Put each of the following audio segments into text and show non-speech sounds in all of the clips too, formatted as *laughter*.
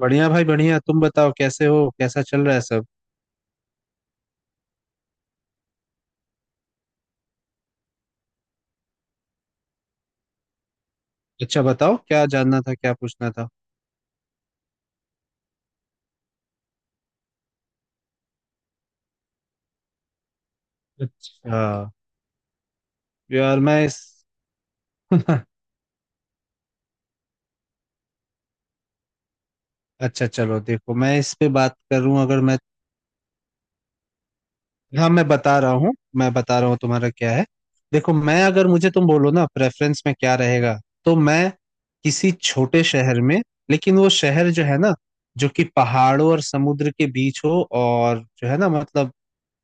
बढ़िया भाई बढ़िया। तुम बताओ कैसे हो, कैसा चल रहा है सब? अच्छा बताओ, क्या जानना था, क्या पूछना था? अच्छा हाँ। यार मैं इस *laughs* अच्छा चलो देखो, मैं इस पे बात करूं अगर मैं। हाँ, मैं बता रहा हूँ, तुम्हारा क्या है? देखो मैं, अगर मुझे तुम बोलो ना प्रेफरेंस में क्या रहेगा, तो मैं किसी छोटे शहर में। लेकिन वो शहर जो है ना, जो कि पहाड़ों और समुद्र के बीच हो, और जो है ना मतलब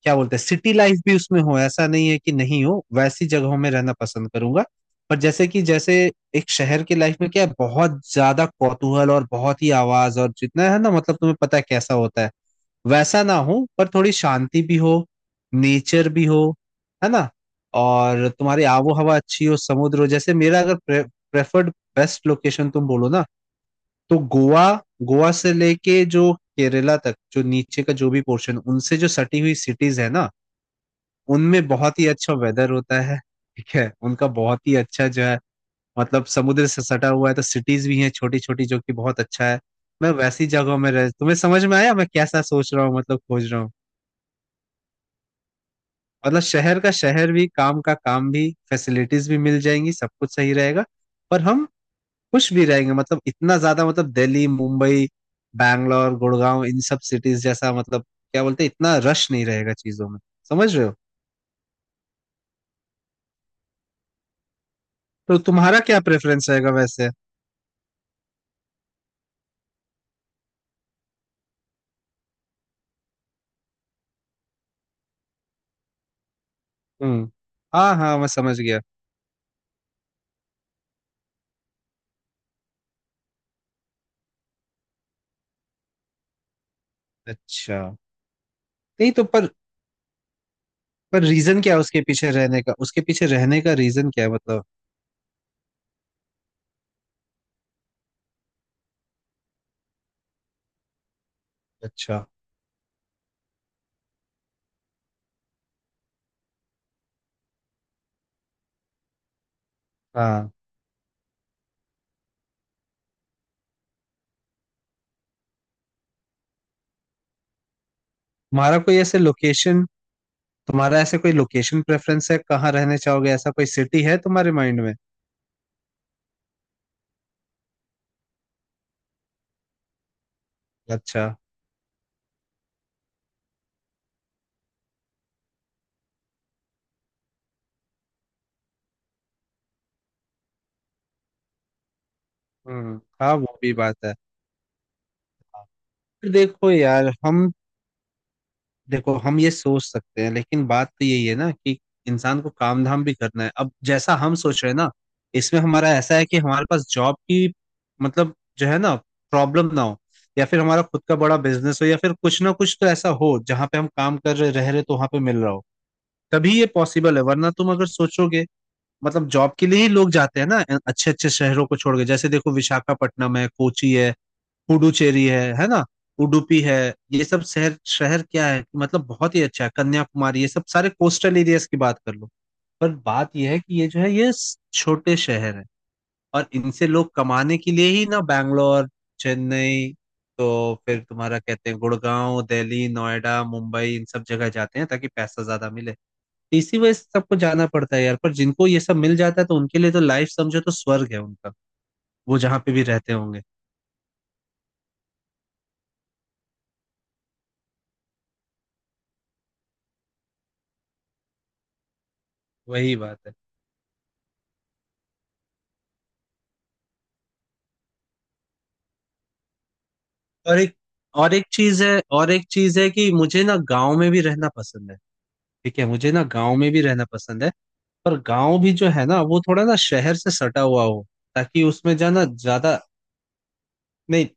क्या बोलते हैं, सिटी लाइफ भी उसमें हो, ऐसा नहीं है कि नहीं हो, वैसी जगहों में रहना पसंद करूंगा। पर जैसे कि जैसे एक शहर की लाइफ में क्या है, बहुत ज्यादा कौतूहल और बहुत ही आवाज, और जितना है ना मतलब तुम्हें पता है कैसा होता है, वैसा ना हो, पर थोड़ी शांति भी हो, नेचर भी हो, है ना? और तुम्हारी आबो हवा अच्छी हो, समुद्र हो। जैसे मेरा अगर प्रेफर्ड बेस्ट लोकेशन तुम बोलो ना, तो गोवा। गोवा से लेके जो केरला तक, जो नीचे का जो भी पोर्शन उनसे जो सटी हुई सिटीज है ना, उनमें बहुत ही अच्छा वेदर होता है। ठीक है, उनका बहुत ही अच्छा जो है मतलब समुद्र से सटा हुआ है, तो सिटीज भी हैं छोटी छोटी, जो कि बहुत अच्छा है। मैं वैसी जगहों में रह, तुम्हें समझ में आया मैं कैसा सोच रहा हूँ, मतलब खोज रहा हूँ? मतलब शहर का शहर भी, काम का काम भी, फैसिलिटीज भी मिल जाएंगी, सब कुछ सही रहेगा। पर हम खुश भी रहेंगे, मतलब इतना ज्यादा मतलब दिल्ली मुंबई बैंगलोर गुड़गांव इन सब सिटीज जैसा, मतलब क्या बोलते हैं, इतना रश नहीं रहेगा चीजों में। समझ रहे हो? तो तुम्हारा क्या प्रेफरेंस रहेगा वैसे? हम्म। हाँ हाँ, मैं समझ गया। अच्छा। नहीं तो पर रीजन क्या है उसके पीछे रहने का? उसके पीछे रहने का रीजन क्या है मतलब? अच्छा हाँ। तुम्हारा कोई ऐसे लोकेशन तुम्हारा ऐसे कोई लोकेशन प्रेफरेंस है, कहाँ रहने चाहोगे? ऐसा कोई सिटी है तुम्हारे माइंड में? अच्छा। हम्म। हाँ वो भी बात है। फिर देखो यार हम, देखो हम ये सोच सकते हैं, लेकिन बात तो यही है ना कि इंसान को काम धाम भी करना है। अब जैसा हम सोच रहे हैं ना, इसमें हमारा ऐसा है कि हमारे पास जॉब की मतलब जो है ना, प्रॉब्लम ना हो। या फिर हमारा खुद का बड़ा बिजनेस हो, या फिर कुछ ना कुछ तो ऐसा हो जहाँ पे हम काम कर रहे, रह रहे, तो वहां पे मिल रहा हो। तभी ये पॉसिबल है, वरना तुम अगर सोचोगे मतलब जॉब के लिए ही लोग जाते हैं ना, अच्छे अच्छे शहरों को छोड़ के। जैसे देखो विशाखापट्टनम है, कोची है, पुडुचेरी है ना, उडुपी है, ये सब शहर, शहर क्या है मतलब, बहुत ही अच्छा है। कन्याकुमारी, ये सब सारे कोस्टल एरियाज की बात कर लो। पर बात ये है कि ये जो है, ये छोटे शहर है। और इनसे लोग कमाने के लिए ही ना बैंगलोर, चेन्नई, तो फिर तुम्हारा कहते हैं गुड़गांव, दिल्ली, नोएडा, मुंबई, इन सब जगह जाते हैं ताकि पैसा ज्यादा मिले। तो इसी वजह से सबको जाना पड़ता है यार। पर जिनको ये सब मिल जाता है, तो उनके लिए तो लाइफ समझो, तो स्वर्ग है उनका, वो जहाँ पे भी रहते होंगे। वही बात है। और एक, और एक चीज है कि मुझे ना गांव में भी रहना पसंद है। ठीक है, मुझे ना गांव में भी रहना पसंद है। पर गांव भी जो है ना, वो थोड़ा ना शहर से सटा हुआ हो, ताकि उसमें जाना ज्यादा नहीं।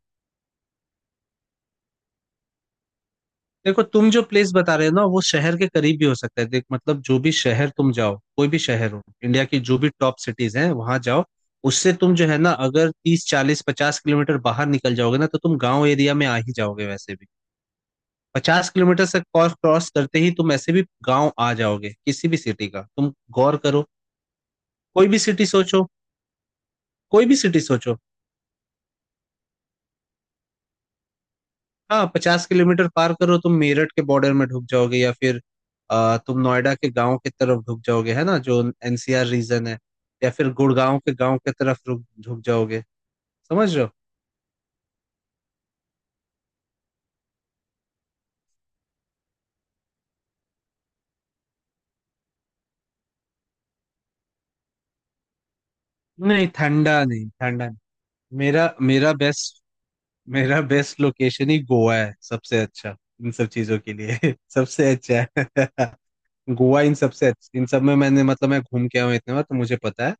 देखो, तुम जो प्लेस बता रहे हो ना, वो शहर के करीब भी हो सकता है। देख मतलब जो भी शहर तुम जाओ, कोई भी शहर हो, इंडिया की जो भी टॉप सिटीज हैं वहां जाओ, उससे तुम जो है ना, अगर 30 40 50 किलोमीटर बाहर निकल जाओगे ना, तो तुम गांव एरिया में आ ही जाओगे वैसे भी। 50 किलोमीटर से क्रॉस क्रॉस करते ही, तुम ऐसे भी गांव आ जाओगे किसी भी सिटी का। तुम गौर करो, कोई भी सिटी सोचो, कोई भी सिटी सोचो। हाँ पचास किलोमीटर पार करो, तुम मेरठ के बॉर्डर में ढुक जाओगे, या फिर तुम नोएडा के गांव की तरफ ढुक जाओगे, है ना, जो एनसीआर रीजन है। या फिर गुड़गांव के गांव की तरफ ढुक जाओगे। समझ रहे हो? नहीं ठंडा नहीं, ठंडा नहीं। मेरा मेरा बेस्ट लोकेशन ही गोवा है, सबसे अच्छा। इन सब चीजों के लिए *laughs* सबसे अच्छा है। *laughs* गोवा इन सबसे अच्छी, इन सब में मैंने मतलब, मैं घूम के आया हूँ इतने बार तो मुझे पता है।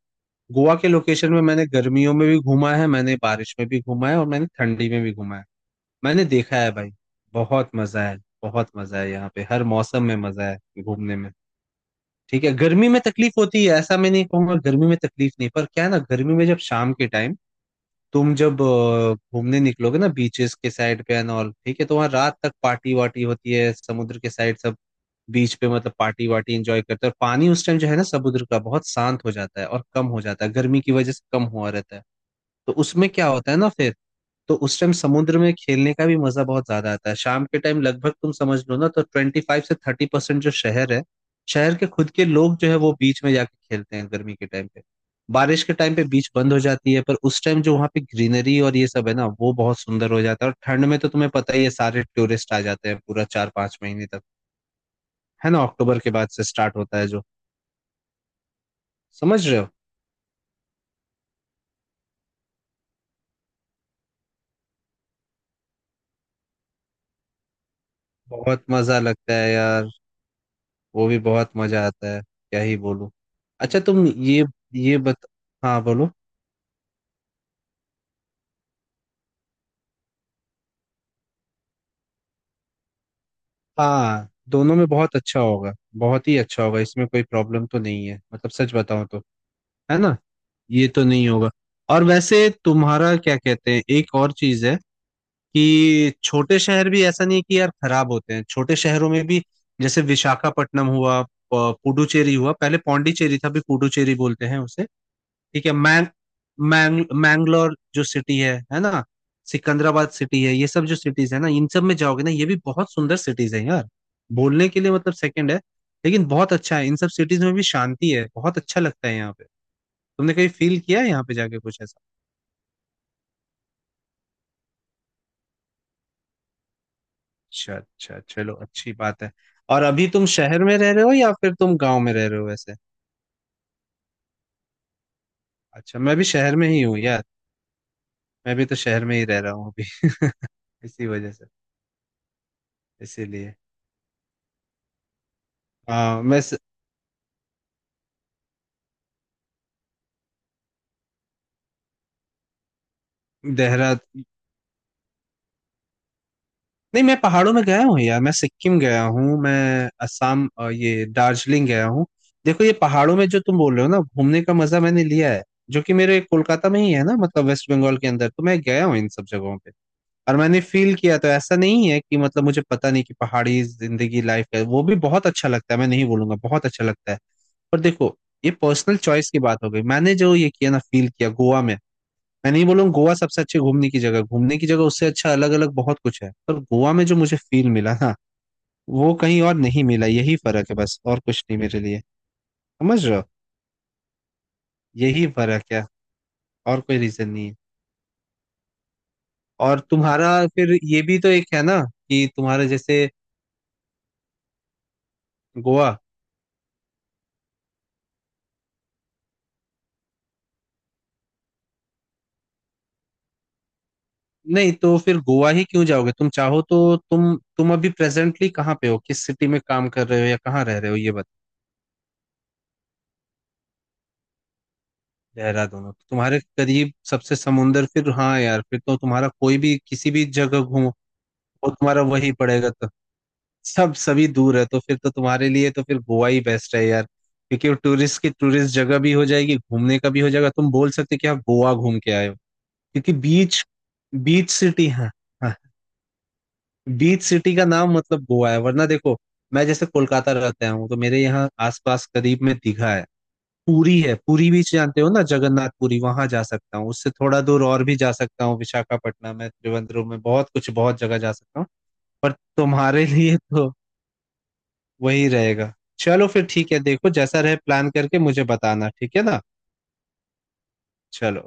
गोवा के लोकेशन में मैंने गर्मियों में भी घूमा है, मैंने बारिश में भी घूमा है, और मैंने ठंडी में भी घूमा है। मैंने देखा है भाई। बहुत मजा है। बहुत मजा है यहाँ पे, हर मौसम में मजा है घूमने में। ठीक है गर्मी में तकलीफ होती है, ऐसा मैं नहीं कहूंगा, गर्मी में तकलीफ नहीं, पर क्या है ना, गर्मी में जब शाम के टाइम तुम जब घूमने निकलोगे ना, बीचेस के साइड पे एंड ऑल, ठीक है, तो वहाँ रात तक पार्टी वार्टी होती है, समुद्र के साइड सब बीच पे, मतलब पार्टी वार्टी एंजॉय करते हैं, और पानी उस टाइम जो है ना, समुद्र का बहुत शांत हो जाता है और कम हो जाता है, गर्मी की वजह से कम हुआ रहता है। तो उसमें क्या होता है ना फिर, तो उस टाइम समुद्र में खेलने का भी मजा बहुत ज्यादा आता है शाम के टाइम। लगभग तुम समझ लो ना, तो 25 से 30% जो शहर है, शहर के खुद के लोग जो है, वो बीच में जाके खेलते हैं गर्मी के टाइम पे। बारिश के टाइम पे बीच बंद हो जाती है, पर उस टाइम जो वहाँ पे ग्रीनरी और ये सब है ना, वो बहुत सुंदर हो जाता है। और ठंड में तो तुम्हें पता ही है, सारे टूरिस्ट आ जाते हैं पूरा 4 5 महीने तक, है ना, अक्टूबर के बाद से स्टार्ट होता है जो। समझ रहे हो? बहुत मजा लगता है यार। वो भी बहुत मजा आता है, क्या ही बोलूं। अच्छा तुम ये बत हाँ बोलो। हाँ दोनों में बहुत अच्छा होगा, बहुत ही अच्छा होगा, इसमें कोई प्रॉब्लम तो नहीं है, मतलब सच बताऊं तो, है ना, ये तो नहीं होगा। और वैसे तुम्हारा क्या कहते हैं, एक और चीज है कि छोटे शहर भी ऐसा नहीं है कि यार खराब होते हैं, छोटे शहरों में भी जैसे विशाखापट्टनम हुआ, पुडुचेरी हुआ, पहले पौंडीचेरी था, अभी पुडुचेरी बोलते हैं उसे। ठीक है, मैंग मैंग मैंगलोर जो सिटी है ना, सिकंदराबाद सिटी है, ये सब जो सिटीज है ना, इन सब में जाओगे ना, ये भी बहुत सुंदर सिटीज है यार, बोलने के लिए मतलब सेकंड है, लेकिन बहुत अच्छा है इन सब सिटीज में भी, शांति है, बहुत अच्छा लगता है यहाँ पे। तुमने कहीं फील किया है यहाँ पे जाके कुछ ऐसा? अच्छा अच्छा चलो, अच्छी बात है। और अभी तुम शहर में रह रहे हो, या फिर तुम गांव में रह रहे हो वैसे? अच्छा, मैं भी शहर में ही हूँ यार, मैं भी तो शहर में ही रह रहा हूँ अभी। *laughs* इसी वजह से इसीलिए आ, मैं स- देहरादून। नहीं मैं पहाड़ों में गया हूँ यार, मैं सिक्किम गया हूँ, मैं असम ये दार्जिलिंग गया हूँ। देखो ये पहाड़ों में जो तुम बोल रहे हो ना, घूमने का मजा मैंने लिया है, जो कि मेरे कोलकाता में ही है ना, मतलब वेस्ट बंगाल के अंदर तो मैं गया हूँ इन सब जगहों पे। और मैंने फील किया, तो ऐसा नहीं है कि मतलब मुझे पता नहीं कि पहाड़ी जिंदगी लाइफ है, वो भी बहुत अच्छा लगता है, मैं नहीं बोलूंगा बहुत अच्छा लगता है। पर देखो, ये पर्सनल चॉइस की बात हो गई। मैंने जो ये किया ना, फील किया गोवा में, मैं नहीं बोलूंगा गोवा सबसे अच्छी घूमने की जगह, घूमने की जगह उससे अच्छा अलग अलग बहुत कुछ है, पर गोवा में जो मुझे फील मिला ना, वो कहीं और नहीं मिला। यही फर्क है बस, और कुछ नहीं मेरे लिए। समझ रहे हो? यही फर्क है, और कोई रीजन नहीं है। और तुम्हारा फिर ये भी तो एक है ना, कि तुम्हारे जैसे गोवा, नहीं तो फिर गोवा ही क्यों जाओगे। तुम चाहो तो तुम अभी प्रेजेंटली कहाँ पे हो, किस सिटी में काम कर रहे हो, या कहाँ रह रहे हो, ये बताओ। देहरादून हो। तुम्हारे करीब सबसे समुंदर फिर, हाँ यार फिर तो तुम्हारा कोई भी किसी भी जगह घूमो, वो तुम्हारा वही पड़ेगा। तो सब सभी दूर है, तो फिर तो तुम्हारे लिए तो फिर गोवा ही बेस्ट है यार, क्योंकि वो टूरिस्ट की टूरिस्ट जगह भी हो जाएगी, घूमने का भी हो जाएगा, तुम बोल सकते हो कि आप गोवा घूम के आए हो। क्योंकि बीच, बीच सिटी है, बीच सिटी का नाम मतलब गोवा है। वरना देखो, मैं जैसे कोलकाता रहता हूँ तो मेरे यहाँ आसपास करीब में दीघा है, पुरी है, पुरी बीच जानते हो ना, जगन्नाथ पुरी, वहां जा सकता हूँ, उससे थोड़ा दूर और भी जा सकता हूँ विशाखापट्टनम में, त्रिवेंद्रम में, बहुत कुछ, बहुत जगह जा सकता हूँ। पर तुम्हारे लिए तो वही रहेगा। चलो फिर ठीक है, देखो जैसा रहे प्लान करके मुझे बताना, ठीक है ना? चलो।